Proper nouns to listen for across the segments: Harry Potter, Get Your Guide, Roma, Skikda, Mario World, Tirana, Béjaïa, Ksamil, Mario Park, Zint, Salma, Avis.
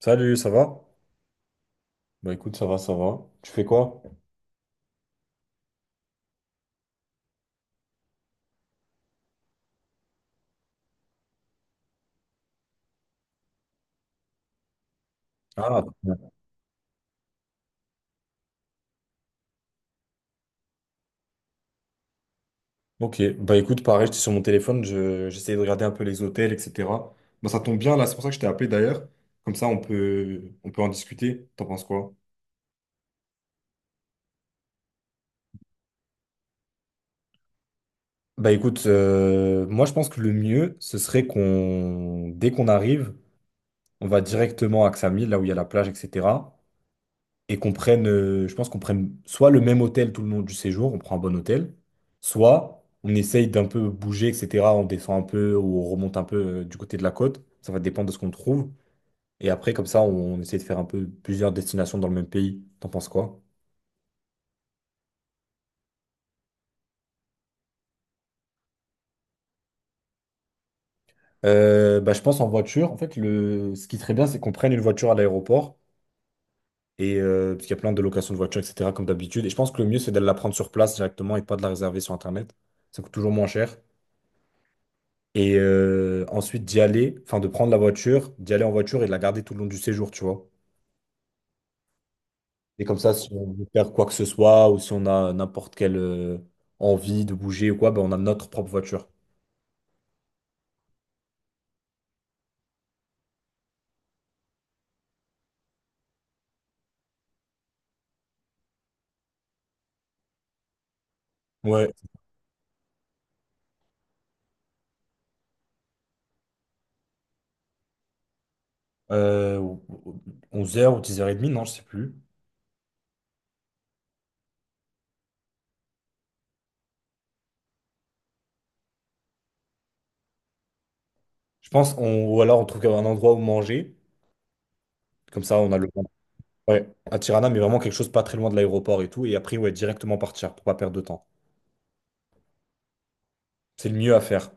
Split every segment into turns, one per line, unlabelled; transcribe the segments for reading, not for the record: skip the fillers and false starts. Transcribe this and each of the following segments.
Salut, ça va? Bah écoute, ça va, ça va. Tu fais quoi? Ah, ouais. ok. Bah écoute, pareil, j'étais sur mon téléphone, j'essayais de regarder un peu les hôtels, etc. Bah ça tombe bien, là, c'est pour ça que je t'ai appelé d'ailleurs. Comme ça, on peut en discuter. T'en penses quoi? Bah écoute, moi je pense que le mieux, ce serait qu'on, dès qu'on arrive, on va directement à Ksamil, là où il y a la plage, etc. Et qu'on prenne, je pense qu'on prenne soit le même hôtel tout le long du séjour, on prend un bon hôtel, soit on essaye d'un peu bouger, etc. On descend un peu ou on remonte un peu du côté de la côte. Ça va dépendre de ce qu'on trouve. Et après, comme ça, on essaie de faire un peu plusieurs destinations dans le même pays. T'en penses quoi? Bah, je pense en voiture. En fait, ce qui serait bien, c'est qu'on prenne une voiture à l'aéroport. Et parce qu'il y a plein de locations de voitures, etc., comme d'habitude. Et je pense que le mieux, c'est d'aller la prendre sur place directement et pas de la réserver sur Internet. Ça coûte toujours moins cher. Et ensuite d'y aller, enfin de prendre la voiture, d'y aller en voiture et de la garder tout le long du séjour, tu vois. Et comme ça, si on veut faire quoi que ce soit ou si on a n'importe quelle envie de bouger ou quoi, ben on a notre propre voiture. Ouais, euh, 11h ou 10h30, non, je sais plus. Je pense, ou alors on trouve un endroit où manger, comme ça on a le temps. Ouais, à Tirana, mais vraiment quelque chose pas très loin de l'aéroport et tout, et après, ouais, directement partir pour pas perdre de temps. C'est le mieux à faire.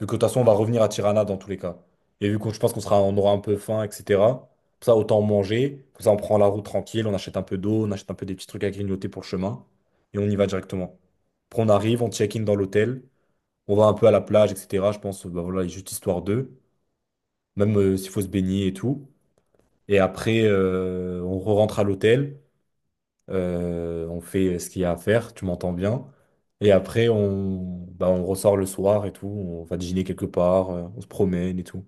Vu que de toute façon, on va revenir à Tirana dans tous les cas. Et vu que je pense on aura un peu faim, etc. Pour ça, autant manger. Comme ça, on prend la route tranquille, on achète un peu d'eau, on achète un peu des petits trucs à grignoter pour le chemin. Et on y va directement. Après, on arrive, on check-in dans l'hôtel. On va un peu à la plage, etc. Je pense, bah voilà, juste histoire d'eux. Même s'il faut se baigner et tout. Et après, on re-rentre à l'hôtel. On fait ce qu'il y a à faire, tu m'entends bien. Et après, on ressort le soir et tout. On va dîner quelque part, on se promène et tout.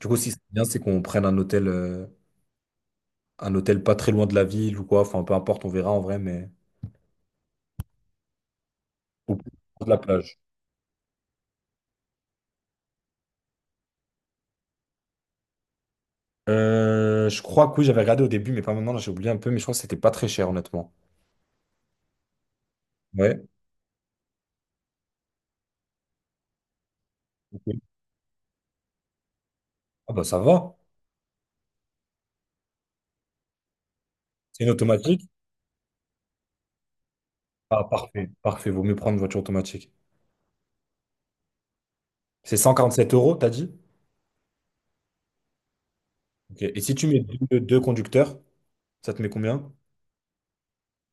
Du coup, si c'est bien, c'est qu'on prenne un hôtel pas très loin de la ville ou quoi. Enfin, peu importe, on verra en vrai, mais. Ou plus proche de la plage. Je crois que oui, j'avais regardé au début, mais pas maintenant, là, j'ai oublié un peu, mais je crois que c'était pas très cher, honnêtement. Ouais. Ok. Ah bah ça va. C'est une automatique? Ah parfait, parfait, vaut mieux prendre une voiture automatique. C'est 147 euros, t'as dit? Ok. Et si tu mets deux conducteurs, ça te met combien?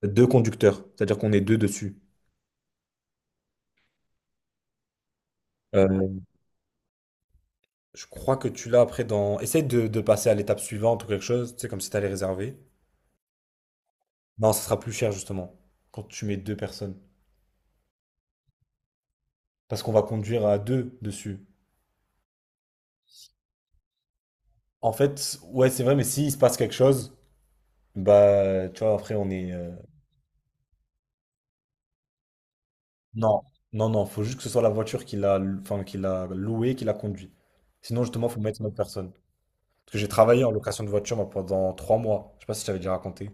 Deux conducteurs, c'est-à-dire qu'on est deux dessus. Euh, je crois que tu l'as après dans. Essaye de passer à l'étape suivante ou quelque chose, tu sais, comme si t'allais réserver. Non, ça sera plus cher justement quand tu mets deux personnes. Parce qu'on va conduire à deux dessus. En fait, ouais, c'est vrai, mais s'il se passe quelque chose, bah, tu vois, après, on est. Non, non, faut juste que ce soit la voiture qui l'a enfin, qui l'a louée, qui l'a conduit. Sinon, justement, faut mettre une autre personne. Parce que j'ai travaillé en location de voiture moi, pendant trois mois. Je sais pas si je t'avais déjà raconté.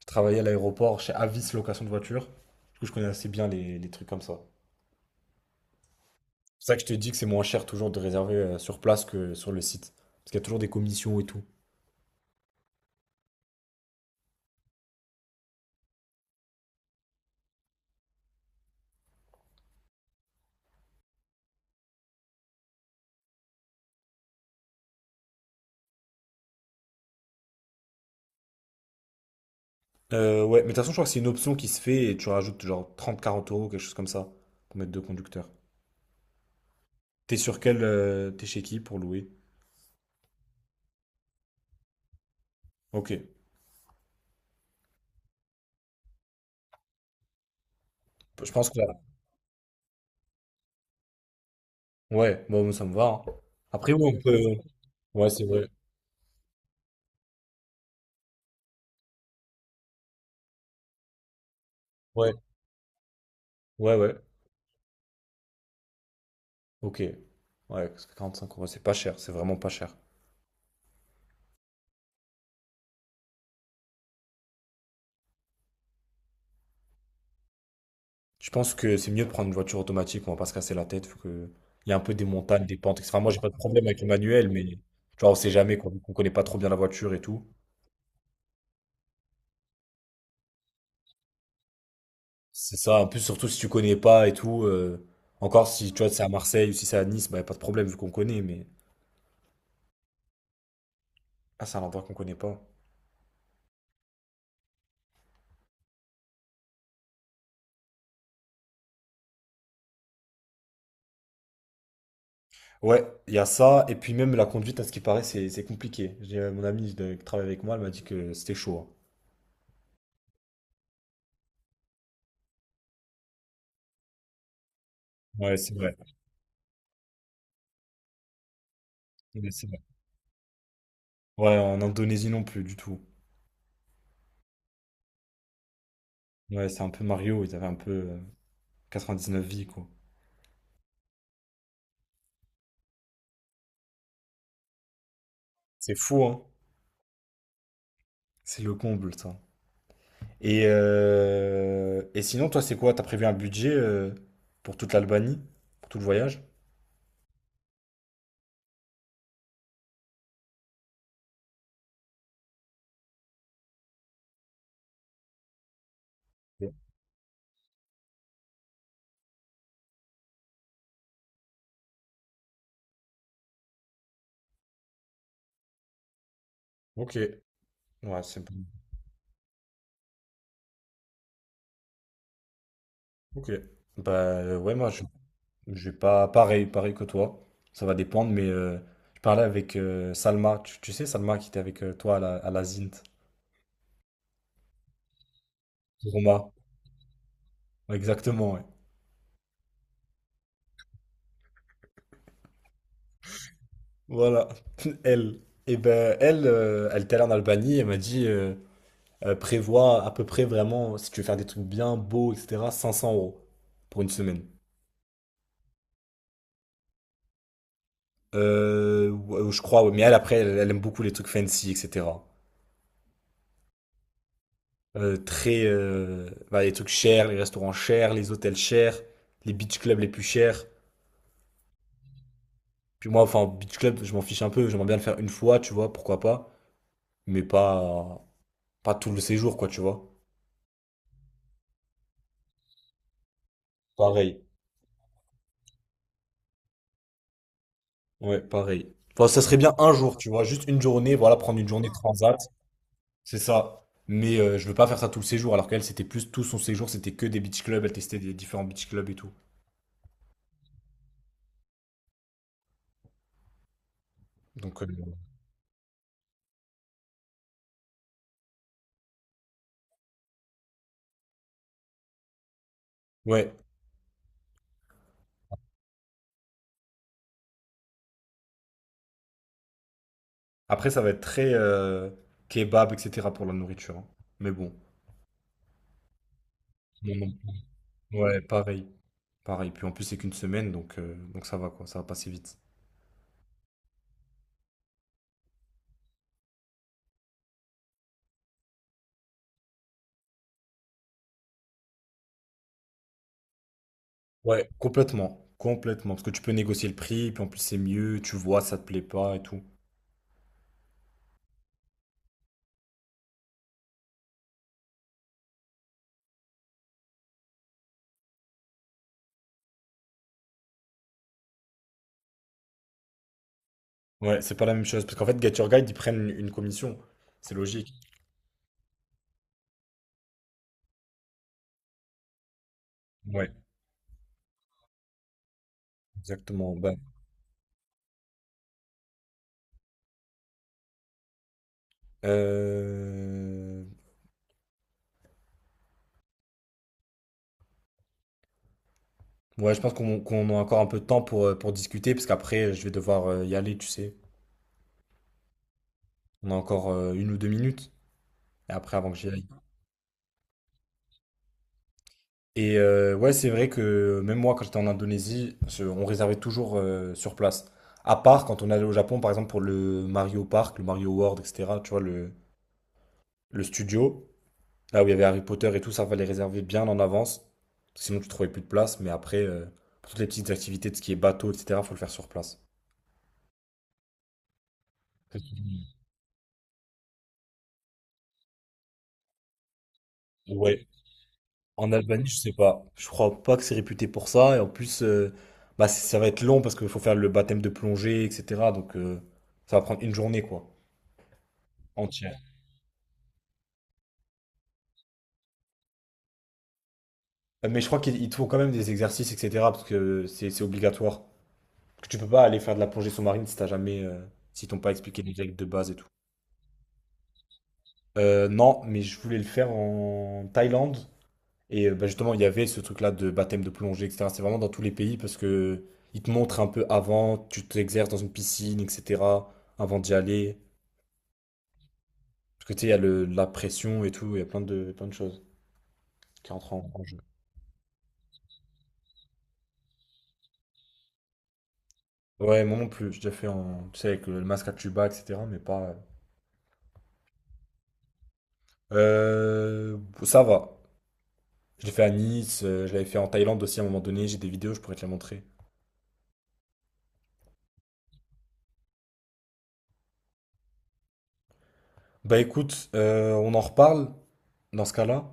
J'ai travaillé à l'aéroport chez Avis Location de voiture. Du coup, je connais assez bien les trucs comme ça. C'est pour ça que je te dis que c'est moins cher toujours de réserver sur place que sur le site. Parce qu'il y a toujours des commissions et tout. Ouais, mais de toute façon, je crois que c'est une option qui se fait et tu rajoutes genre trente quarante euros, quelque chose comme ça, pour mettre deux conducteurs. T'es sur quel. T'es chez qui pour louer? Ok. Bah, Je pense que. Là. Ouais, bon, ça me va. Hein. Après, ouais, on peut. Ouais, c'est vrai. Ouais, ouais, ouais. Ok. Ouais, parce que cinq euros, c'est pas cher, c'est vraiment pas cher. Je pense que c'est mieux de prendre une voiture automatique, on va pas se casser la tête, faut que. Il y a un peu des montagnes, des pentes, etc. Moi, j'ai pas de problème avec le manuel, mais tu vois, on sait jamais, quoi, vu qu'on connaît pas trop bien la voiture et tout. C'est ça, en plus, surtout si tu connais pas et tout. Encore si tu vois, c'est à Marseille ou si c'est à Nice, bah, y a pas de problème vu qu'on connaît, mais ah, c'est un endroit qu'on connaît pas. Ouais, il y a ça, et puis même la conduite, à ce qui paraît, c'est compliqué. J'ai mon amie de- qui travaille avec moi, elle m'a dit que c'était chaud. Hein. Ouais, c'est vrai. Ouais, c'est vrai. Ouais, en Indonésie non plus, du tout. Ouais, c'est un peu Mario, ils avaient un peu neuf vies, quoi. C'est fou, hein? C'est le comble, ça. Et sinon, toi, c'est quoi? T'as prévu un budget pour toute l'Albanie, pour tout le voyage? Ok, ouais, c'est bon. Ok. Bah ouais, moi je vais pas pareil, pareil que toi. Ça va dépendre, mais je parlais avec Salma. Tu sais Salma qui était avec toi à la Zint. Roma. Ouais, exactement, ouais. Voilà. Elle. Et ben elle, elle était allée en Albanie, elle m'a dit prévois à peu près vraiment, si tu veux faire des trucs bien beaux, etc., 500 € pour une semaine. Ouais, je crois, ouais. Mais elle après, elle aime beaucoup les trucs fancy, etc. Très, les trucs chers, les restaurants chers, les hôtels chers, les beach clubs les plus chers. Puis moi, enfin, beach club, je m'en fiche un peu, j'aimerais bien le faire une fois, tu vois, pourquoi pas, mais pas tout le séjour, quoi, tu vois. Pareil. Ouais, pareil. Enfin, ça serait bien un jour, tu vois, juste une journée, voilà, prendre une journée transat, c'est ça. Mais je veux pas faire ça tout le séjour, alors qu'elle, c'était plus tout son séjour, c'était que des beach clubs, elle testait des différents beach clubs et tout. Donc, ouais. Après, ça va être très kebab, etc. pour la nourriture. Hein. Mais bon. Non, non. Ouais, pareil, pareil. Puis en plus, c'est qu'une semaine, donc ça va, quoi, ça va passer vite. Ouais, complètement, complètement. Parce que tu peux négocier le prix, puis en plus, c'est mieux, tu vois, ça te plaît pas et tout. Ouais, c'est pas la même chose. Parce qu'en fait, Get Your Guide, ils prennent une commission. C'est logique. Ouais, exactement. Euh, Ouais, je pense qu'on a encore un peu de temps pour discuter, parce qu'après, je vais devoir y aller, tu sais. On a encore une ou deux minutes, et après, avant que j'y aille. Et ouais, c'est vrai que même moi, quand j'étais en Indonésie, on réservait toujours sur place. À part quand on allait au Japon, par exemple, pour le Mario Park, le Mario World, etc. Tu vois, le studio, là où il y avait Harry Potter et tout, ça fallait réserver bien en avance. Sinon, tu trouvais plus de place. Mais après, pour toutes les petites activités de ce qui est bateau, etc., faut le faire sur place. Ouais, en Albanie, je sais pas. Je crois pas que c'est réputé pour ça. Et en plus, ça va être long parce qu'il faut faire le baptême de plongée, etc. Donc, ça va prendre une journée, quoi. Entière. Mais je crois qu'ils ils te font quand même des exercices, etc. Parce que c'est obligatoire. Parce que tu peux pas aller faire de la plongée sous-marine si t'as jamais, si t'ont pas expliqué les règles de base et tout. Non, mais je voulais le faire en Thaïlande. Et bah, justement, il y avait ce truc-là de baptême de plongée, etc. C'est vraiment dans tous les pays parce que ils te montrent un peu avant, tu t'exerces dans une piscine, etc. Avant d'y aller. Parce que tu sais, il y a la pression et tout, il y a plein plein de choses qui entrent en jeu. Ouais, moi non plus, j'ai déjà fait en, tu sais, avec le masque à tuba, etc. Mais pas, ça va. Je l'ai fait à Nice, je l'avais fait en Thaïlande aussi à un moment donné, j'ai des vidéos, je pourrais te les montrer. Bah écoute, on en reparle dans ce cas-là.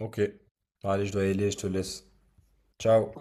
Ok. Bon, allez, je dois y aller, je te laisse. Ciao.